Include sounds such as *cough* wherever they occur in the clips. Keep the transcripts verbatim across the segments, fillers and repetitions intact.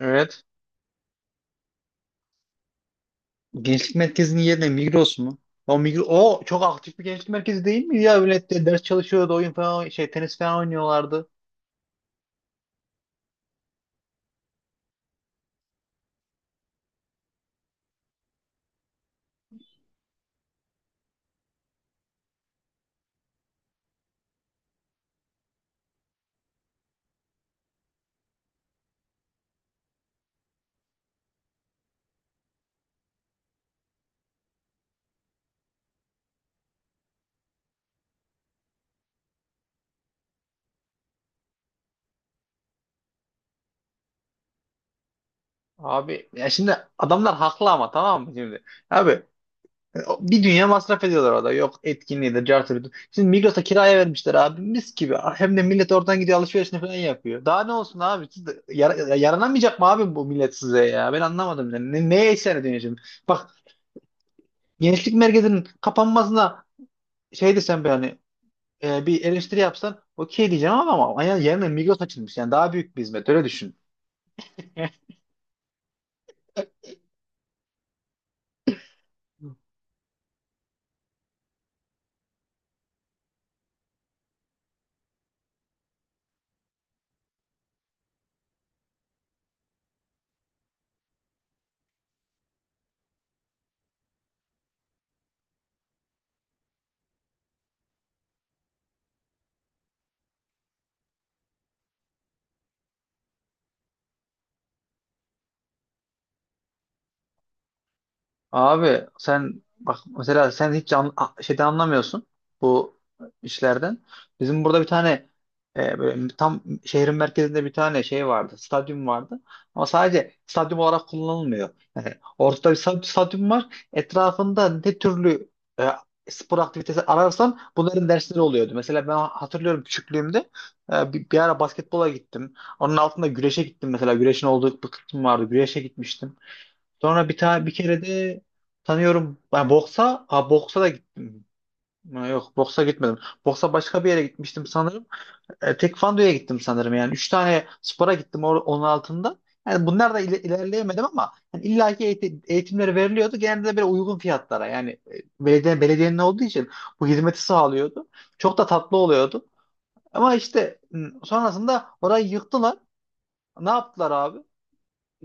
Evet. Gençlik merkezinin yerine Migros mu? O Migros, o çok aktif bir gençlik merkezi değil mi ya? Millet de ders çalışıyordu, oyun falan şey tenis falan oynuyorlardı. Abi, ya şimdi adamlar haklı ama tamam mı şimdi? Abi, o- bir dünya masraf ediyorlar orada. Yok, etkinliği de cartı da. Şimdi Migros'a kiraya vermişler abi, mis gibi. Hem de millet oradan gidiyor alışverişini falan yapıyor. Daha ne olsun abi? Siz de yara- yaranamayacak mı abi bu millet size ya? Ben anlamadım. Yani. Ne, neye isyan ediyorsun şimdi? Bak, gençlik merkezinin kapanmasına şey desem ben, hani e, bir eleştiri yapsan okey diyeceğim, ama ama yani yerine Migros açılmış. Yani daha büyük bir hizmet, öyle düşün. *laughs* Abi, sen bak mesela, sen hiç an, a- şeyden anlamıyorsun, bu işlerden. Bizim burada bir tane e, böyle tam şehrin merkezinde bir tane şey vardı, stadyum vardı. Ama sadece stadyum olarak kullanılmıyor. Yani ortada bir stat- stadyum var. Etrafında ne türlü e, spor aktivitesi ararsan bunların dersleri oluyordu. Mesela ben hatırlıyorum, küçüklüğümde e, bir, bir ara basketbola gittim. Onun altında güreşe gittim mesela. Güreşin olduğu bir kısım vardı. Güreşe gitmiştim. Sonra bir tane bir kere de tanıyorum. Ben boksa, ha, boksa da gittim. Ha, yok, boksa gitmedim. Boksa başka bir yere gitmiştim sanırım. E, Tekvando'ya gittim sanırım yani. Üç tane spora gittim, or- onun altında. Yani bunlar da ile- ilerleyemedim ama, yani illaki eğitim, eğitimleri veriliyordu. Genelde de böyle uygun fiyatlara, yani e, belediye, belediyenin olduğu için bu hizmeti sağlıyordu. Çok da tatlı oluyordu. Ama işte m, sonrasında orayı yıktılar. Ne yaptılar abi?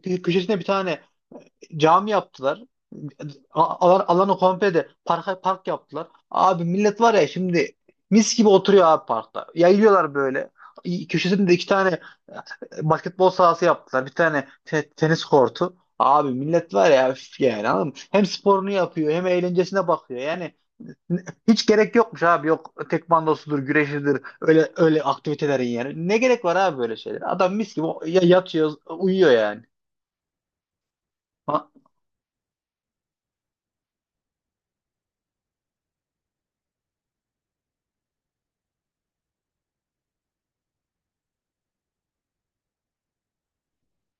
Kö- Köşesine bir tane cami yaptılar. A- Alan, alanı komple de park, park yaptılar. Abi, millet var ya, şimdi mis gibi oturuyor abi parkta. Yayıyorlar böyle. Köşesinde de iki tane e, basketbol sahası yaptılar. Bir tane te- tenis kortu. Abi, millet var ya, üf, yani anladın mı? Hem sporunu yapıyor hem eğlencesine bakıyor. Yani n- hiç gerek yokmuş abi. Yok tekvandosudur, güreşidir. Öyle öyle aktivitelerin yani. Ne gerek var abi böyle şeyler? Adam mis gibi o- ya- yatıyor, uyuyor yani.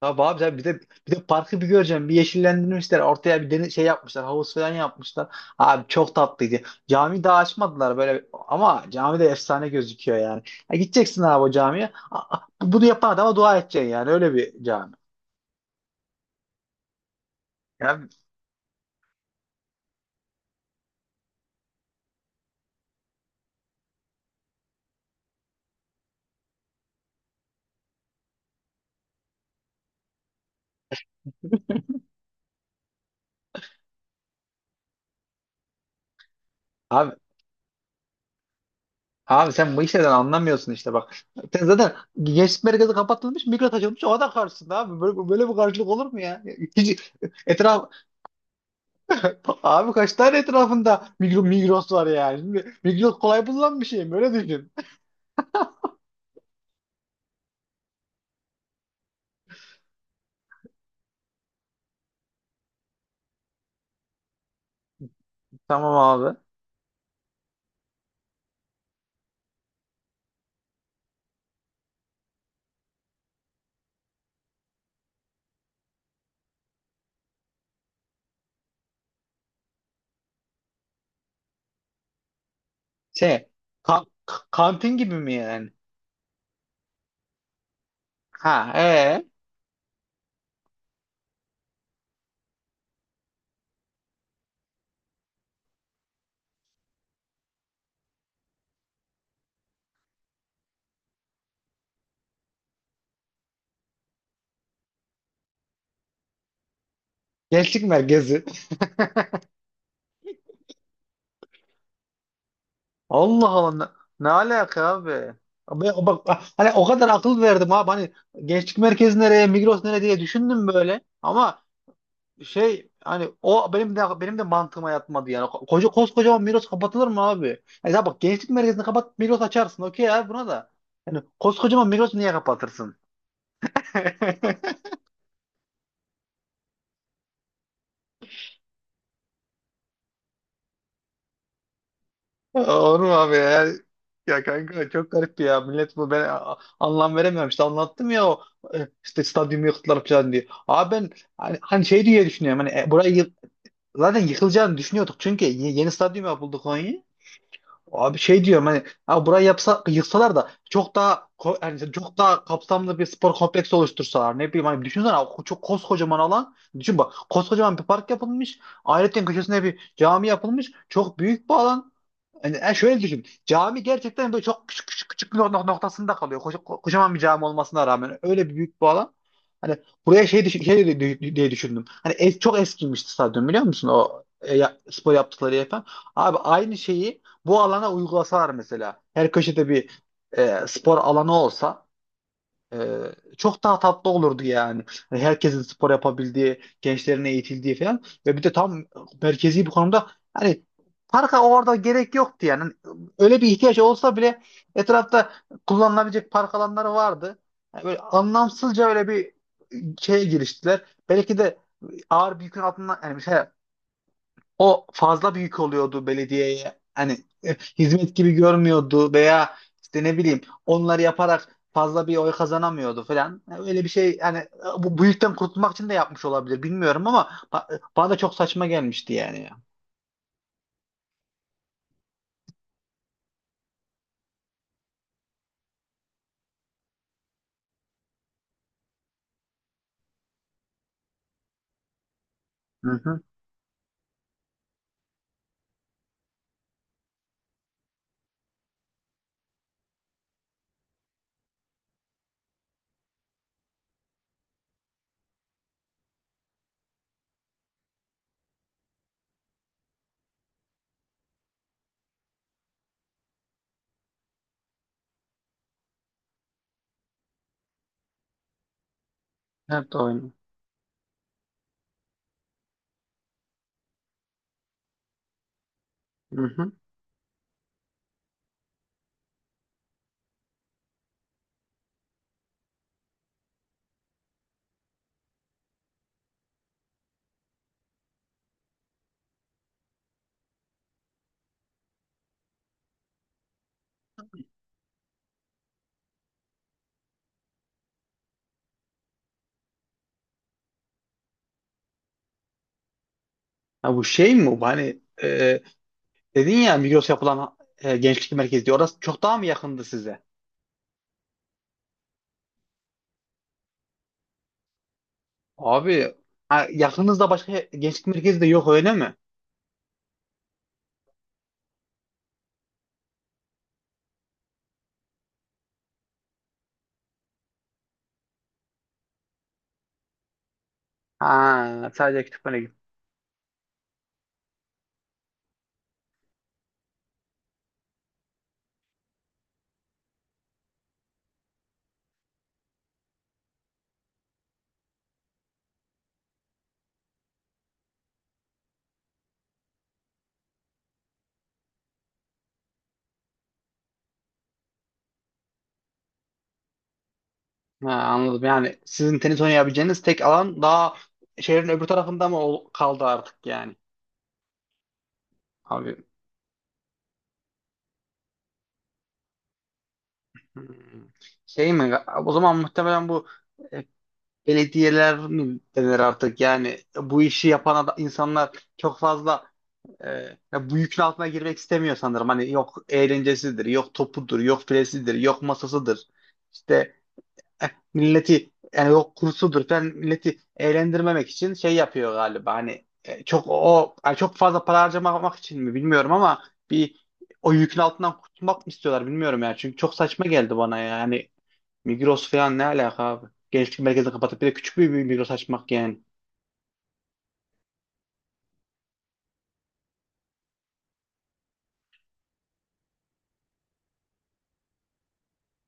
Tabii abi, tabii, bir de bir de parkı bir göreceğim. Bir yeşillendirmişler. Ortaya bir deniz şey yapmışlar. Havuz falan yapmışlar. Abi, çok tatlıydı. Cami daha açmadılar böyle, ama cami de efsane gözüküyor yani. Ya, gideceksin abi o camiye. A- a- Bunu yapan adama dua edeceksin yani. Öyle bir cami. Ya, abi abi sen bu işlerden anlamıyorsun işte, bak. Sen zaten gençlik merkezi kapatılmış, Migros açılmış. O da karşısında abi. Böyle, böyle bir karşılık olur mu ya? Hiç. etraf Abi, kaç tane etrafında Migros, Migros var yani. Şimdi Migros kolay bulunan bir şey mi? Öyle düşün. Tamam abi. Şey, ka- ka- kantin gibi mi yani? Ha, ee? Gençlik merkezi. Allah Allah, ne, ne alaka abi? Abi bak, hani o kadar akıl verdim abi, hani gençlik merkezi nereye, Migros nereye diye düşündüm böyle. Ama şey, hani o benim de benim de mantığıma yatmadı yani. Ko- Koca koskocaman Miros kapatılır mı abi? Yani, ya bak, gençlik merkezini kapat, Miros açarsın. Okey abi, buna da. Yani koskocaman Miros niye kapatırsın? *laughs* Olur mu abi ya? Ya kanka, çok garip ya. Millet bu, ben a- anlam veremiyorum. İşte anlattım ya, o e, işte stadyumu yıktılar falan diye. Abi ben hani, hani şey diye düşünüyorum. Hani e, burayı yık- zaten yıkılacağını düşünüyorduk. Çünkü ye- yeni stadyum yapıldı Konya. Abi şey diyorum, hani abi, burayı yapsa yıksalar da çok daha ko- yani, işte çok daha kapsamlı bir spor kompleksi oluştursalar, ne bileyim, hani düşünsene abi, ko- çok koskocaman alan, düşün bak, koskocaman bir park yapılmış, ayrıca köşesine bir cami yapılmış, çok büyük bir alan, yani, yani şöyle düşün. Cami gerçekten böyle çok küçük küçük küçük bir nok- noktasında kalıyor. Koca- ko- kocaman bir cami olmasına rağmen, öyle bir büyük bir alan. Hani buraya şey, düşün, şey de- de- diye düşündüm. Hani es- çok eskimişti stadyum, biliyor musun? O e, ya- spor yaptıkları yer falan. Abi aynı şeyi bu alana uygulasalar mesela. Her köşede bir e, spor alanı olsa, ee, çok daha tatlı olurdu yani. Hani herkesin spor yapabildiği, gençlerin eğitildiği falan, ve bir de tam merkezi bir konumda, hani parka orada gerek yoktu yani. Hani öyle bir ihtiyaç olsa bile, etrafta kullanılabilecek park alanları vardı. Yani böyle anlamsızca öyle bir şeye giriştiler. Belki de ağır bir yükün altından, yani şey, o fazla büyük oluyordu belediyeye. Hani e, hizmet gibi görmüyordu, veya işte, ne bileyim, onları yaparak fazla bir oy kazanamıyordu falan. Yani öyle bir şey, yani e, bu büyükten kurtulmak için de yapmış olabilir, bilmiyorum, ama ba- e, bana da çok saçma gelmişti yani ya. Hı hı. Evet, oyunu. Hı hı. Ha, bu şey mi bu? Hani e, dedin ya Migros yapılan e, gençlik merkezi diye. Orası çok daha mı yakındı size? Abi, ha, yakınızda başka gençlik merkezi de yok öyle mi? Ha, sadece kütüphane. Ha, anladım. Yani sizin tenis oynayabileceğiniz tek alan daha şehrin öbür tarafında mı ol- kaldı artık yani? Abi. Hmm. Şey mi? O zaman muhtemelen bu e, belediyeler mi denir artık? Yani bu işi yapan ada- insanlar çok fazla e, ya bu yükün altına girmek istemiyor sanırım. Hani yok eğlencesidir, yok topudur, yok filesidir, yok masasıdır. İşte eh, milleti, yani yok kursudur falan, milleti eğlendirmemek için şey yapıyor galiba, hani e, çok o, yani çok fazla para harcamak için mi bilmiyorum, ama bir, o yükün altından kurtulmak mı istiyorlar bilmiyorum yani, çünkü çok saçma geldi bana yani. Migros falan ne alaka abi, gençlik merkezini kapatıp bir de küçük bir bir Migros açmak yani.